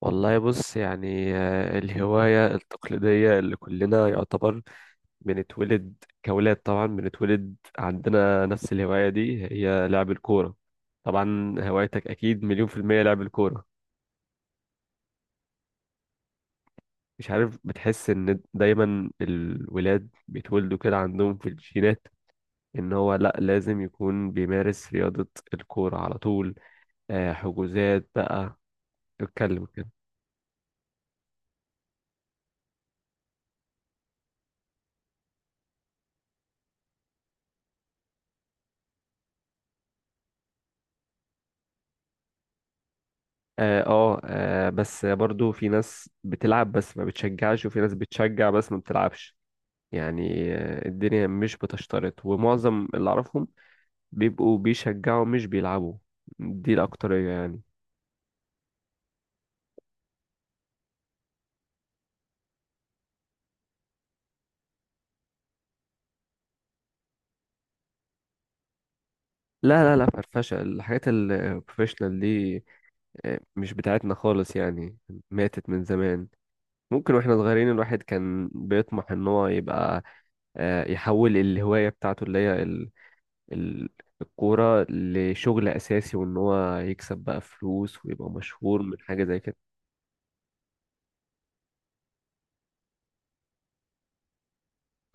والله بص يعني، الهواية التقليدية اللي كلنا يعتبر بنتولد كأولاد، طبعا بنتولد عندنا نفس الهواية دي، هي لعب الكورة. طبعا هوايتك أكيد مليون% لعب الكورة. مش عارف، بتحس إن دايما الولاد بيتولدوا كده عندهم في الجينات، إن هو لأ لازم يكون بيمارس رياضة الكورة على طول. حجوزات بقى. اتكلم. اه، بس برضو في ناس بتلعب بس ما بتشجعش، وفي ناس بتشجع بس ما بتلعبش. يعني الدنيا مش بتشترط، ومعظم اللي اعرفهم بيبقوا بيشجعوا مش بيلعبوا، دي الأكترية يعني. لا، لا، لا، فرفشة. الحاجات البروفيشنال دي مش بتاعتنا خالص يعني، ماتت من زمان. ممكن واحنا صغيرين الواحد كان بيطمح ان هو يبقى يحول الهواية بتاعته اللي هي ال- الكورة لشغل أساسي، وإن هو يكسب بقى فلوس ويبقى مشهور من حاجة زي كده.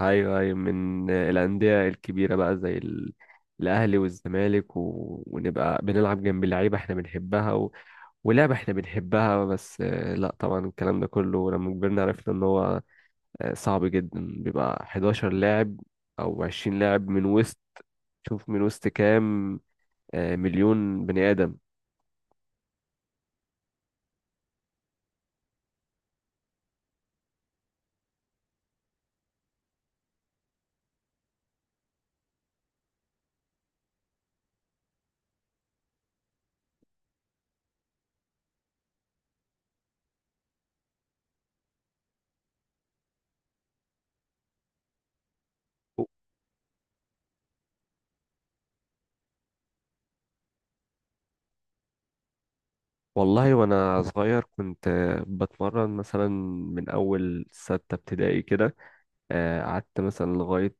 أيوه، أيوه، من الأندية الكبيرة بقى زي الأهلي والزمالك، ونبقى بنلعب جنب لعيبة احنا بنحبها، ولعبة احنا بنحبها بس. لا طبعا الكلام ده كله لما كبرنا عرفنا إن هو صعب جدا، بيبقى 11 لاعب أو 20 لاعب من وسط. شوف من وسط كام، مليون بني آدم. والله وانا صغير كنت بتمرن مثلا من اول ستة ابتدائي كده. قعدت مثلا لغاية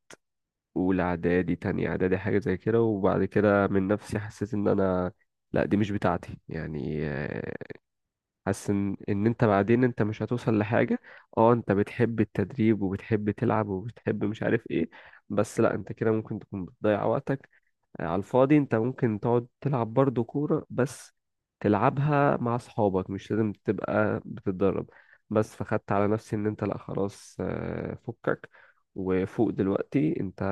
اولى اعدادي، تانية اعدادي، حاجة زي كده. وبعد كده من نفسي حسيت ان انا لا، دي مش بتاعتي يعني. حاسس ان ان انت بعدين انت مش هتوصل لحاجة. اه، انت بتحب التدريب وبتحب تلعب وبتحب مش عارف ايه، بس لا انت كده ممكن تكون بتضيع وقتك على الفاضي. انت ممكن تقعد تلعب برضه كورة، بس تلعبها مع اصحابك، مش لازم تبقى بتتدرب. بس فخدت على نفسي ان انت لا خلاص، فكك. وفوق دلوقتي انت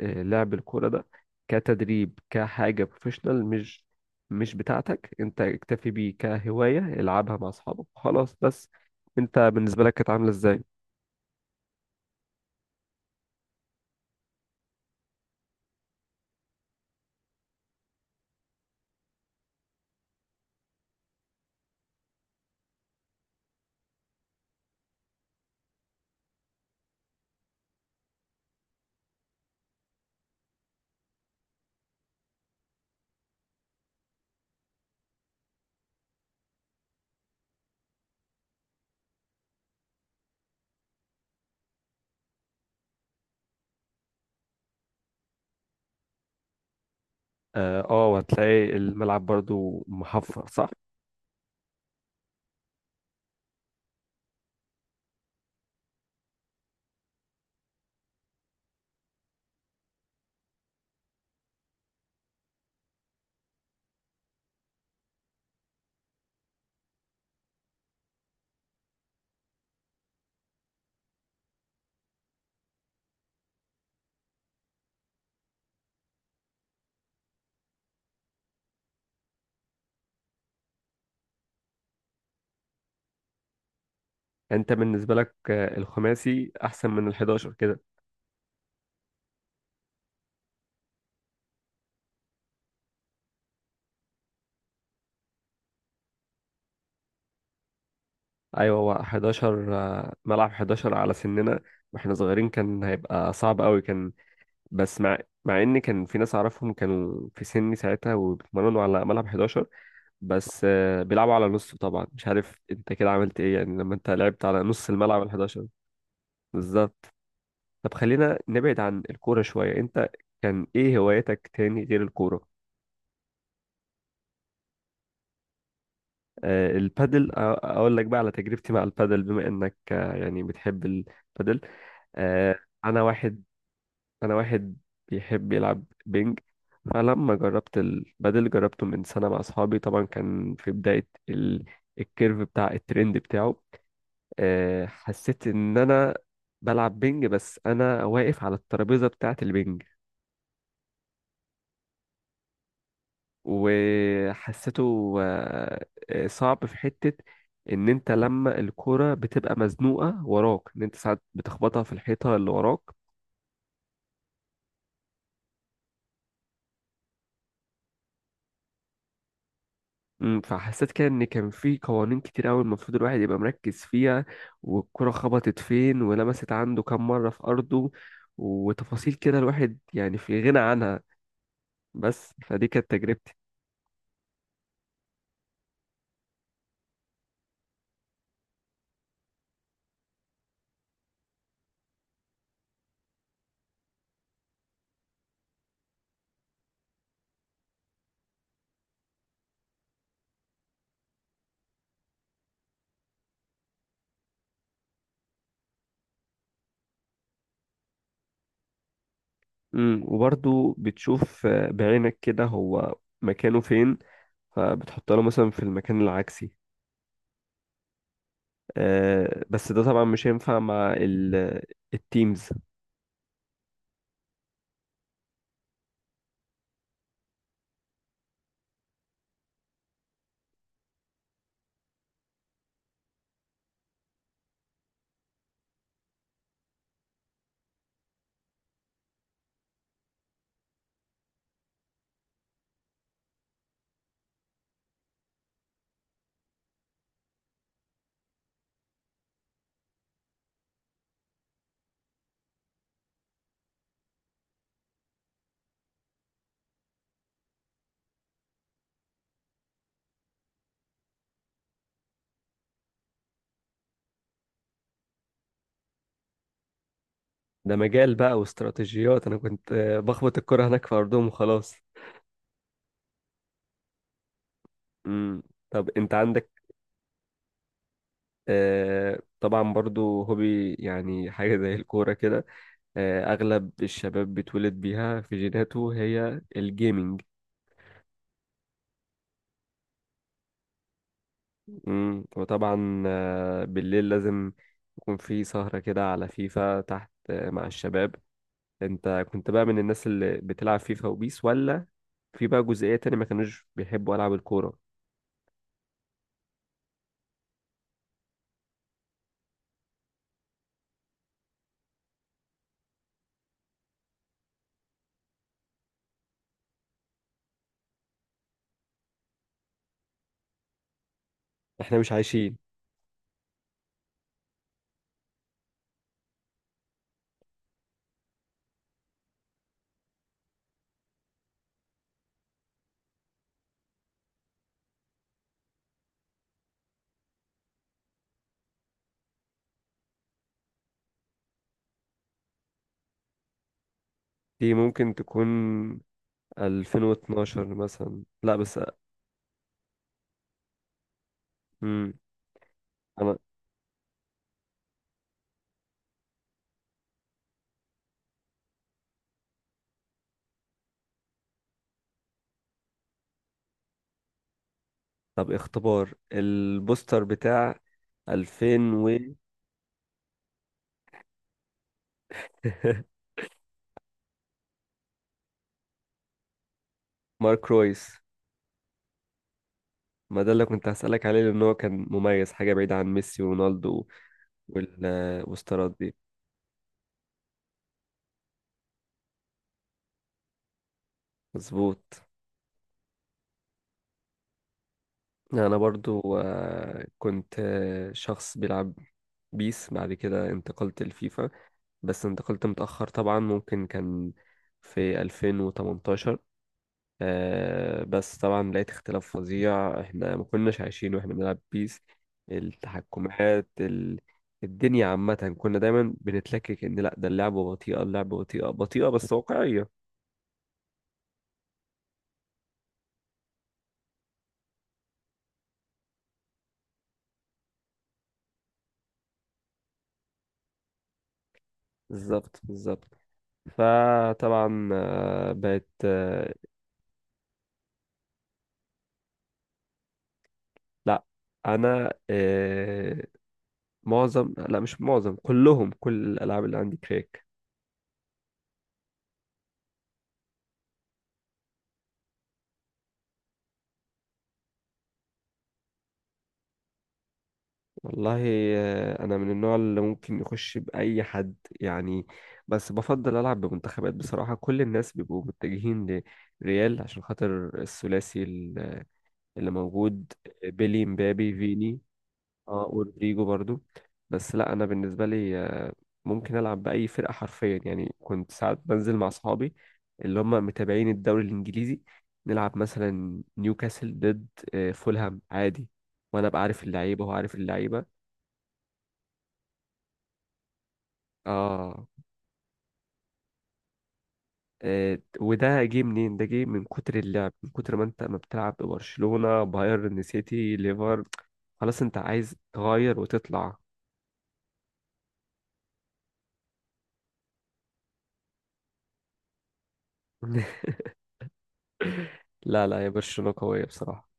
لعب الكورة ده كتدريب كحاجة بروفيشنال مش بتاعتك، انت اكتفي بيه كهواية، العبها مع اصحابك خلاص. بس انت بالنسبة لك كانت عاملة ازاي؟ اه، وهتلاقي الملعب برضو محفر صح؟ انت بالنسبه لك الخماسي احسن من ال11 كده. ايوه، هو 11، ملعب 11 على سننا. واحنا صغيرين كان هيبقى صعب قوي، كان بس مع ان كان في ناس اعرفهم كانوا في سني ساعتها وبيتمرنوا على ملعب 11، بس بيلعبوا على نصه طبعا. مش عارف انت كده عملت ايه يعني لما انت لعبت على نص الملعب، ال11. بالظبط. طب خلينا نبعد عن الكوره شويه. انت كان ايه هواياتك تاني غير الكوره؟ البادل، اقول لك بقى على تجربتي مع البادل، بما انك يعني بتحب البادل. آه، انا واحد انا واحد بيحب يلعب بينج. فلما جربت البادل جربته من سنة مع اصحابي، طبعا كان في بداية الكيرف بتاع الترند بتاعه. حسيت ان انا بلعب بينج، بس انا واقف على الترابيزة بتاعة البينج. وحسيته صعب في حتة، ان انت لما الكرة بتبقى مزنوقة وراك ان انت ساعات بتخبطها في الحيطة اللي وراك. فحسيت كده ان كان في قوانين كتير قوي المفروض الواحد يبقى مركز فيها، والكرة خبطت فين، ولمست عنده كام مرة في ارضه، وتفاصيل كده الواحد يعني في غنى عنها. بس فدي كانت تجربتي. وبرضو بتشوف بعينك كده هو مكانه فين، فبتحط له مثلا في المكان العكسي. بس ده طبعا مش هينفع مع التيمز. ده مجال بقى واستراتيجيات، انا كنت بخبط الكرة هناك في ارضهم وخلاص. مم. طب انت عندك؟ طبعا برضو هوبي يعني حاجة زي الكورة كده، اغلب الشباب بيتولد بيها في جيناته، هي الجيمينج. مم. وطبعا بالليل لازم يكون في سهرة كده على فيفا تحت، مع الشباب. انت كنت بقى من الناس اللي بتلعب فيفا وبيس، ولا في بقى جزئية تانية ما كانوش بيحبوا ألعاب الكورة؟ احنا مش عايشين. دي ممكن تكون 2012 مثلا، لا بس امم انا. طب اختبار البوستر بتاع 2000 و مارك رويس. ما ده اللي كنت هسألك عليه، لأن هو كان مميز حاجة بعيدة عن ميسي ورونالدو والستارات دي. مظبوط. يعني انا برضو كنت شخص بيلعب بيس، بعد كده انتقلت لفيفا. بس انتقلت متأخر طبعا، ممكن كان في 2018. بس طبعا لقيت اختلاف فظيع، احنا ما كناش عايشين واحنا بنلعب بيس. التحكمات الدنيا عامة، كنا دايما بنتلكك ان لا، ده اللعبة بطيئة، اللعبة بطيئة بطيئة، بس واقعية. بالظبط، بالظبط. فطبعا بقت. لا، انا معظم، لا مش معظم، كلهم، كل الالعاب اللي عندي كريك. والله انا من النوع اللي ممكن يخش باي حد يعني. بس بفضل العب بمنتخبات بصراحه، كل الناس بيبقوا متجهين لريال عشان خاطر الثلاثي اللي موجود، بيلي مبابي فيني. اه، ورودريجو برضو. بس لا، انا بالنسبه لي ممكن العب باي فرقه حرفيا يعني، كنت ساعات بنزل مع اصحابي اللي هم متابعين الدوري الانجليزي، نلعب مثلا نيوكاسل ضد فولهام عادي، وانا ابقى عارف اللعيبه وهو عارف اللعيبه. اه، وده جه منين؟ ده جه من كتر اللعب، من كتر ما انت ما بتلعب ببرشلونه بايرن سيتي ليفر، خلاص انت عايز تغير وتطلع. لا، لا، يا برشلونه قويه بصراحه.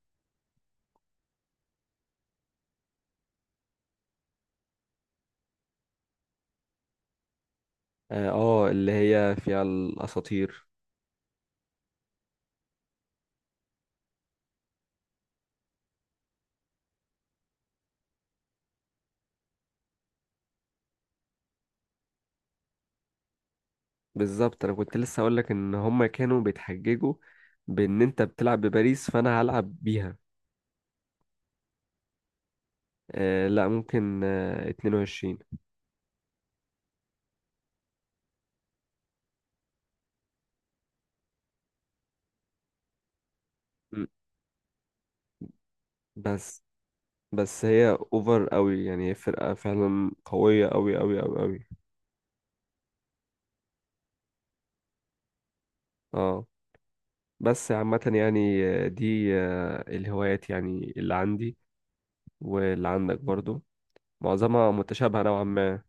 اه، اللي هي فيها الاساطير. بالظبط. انا كنت لسه اقول لك ان هم كانوا بيتحججوا بان انت بتلعب بباريس، فانا هلعب بيها. لا، ممكن 22. م، بس بس هي اوفر قوي يعني، هي فرقة فعلا قوية قوي قوي قوي قوي. اه، بس عامة يعني دي الهوايات يعني، اللي عندي واللي عندك برضو، معظمها متشابهة نوعا ما.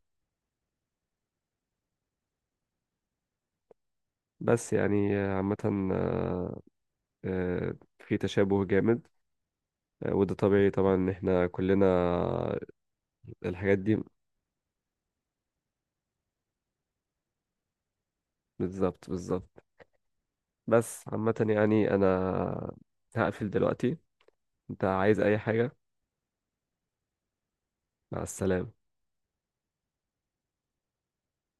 بس يعني عامة، آه، في تشابه جامد، وده طبيعي طبعا، ان احنا كلنا الحاجات دي. بالظبط، بالظبط. بس عامة يعني انا هقفل دلوقتي، انت عايز اي حاجة؟ مع السلامة.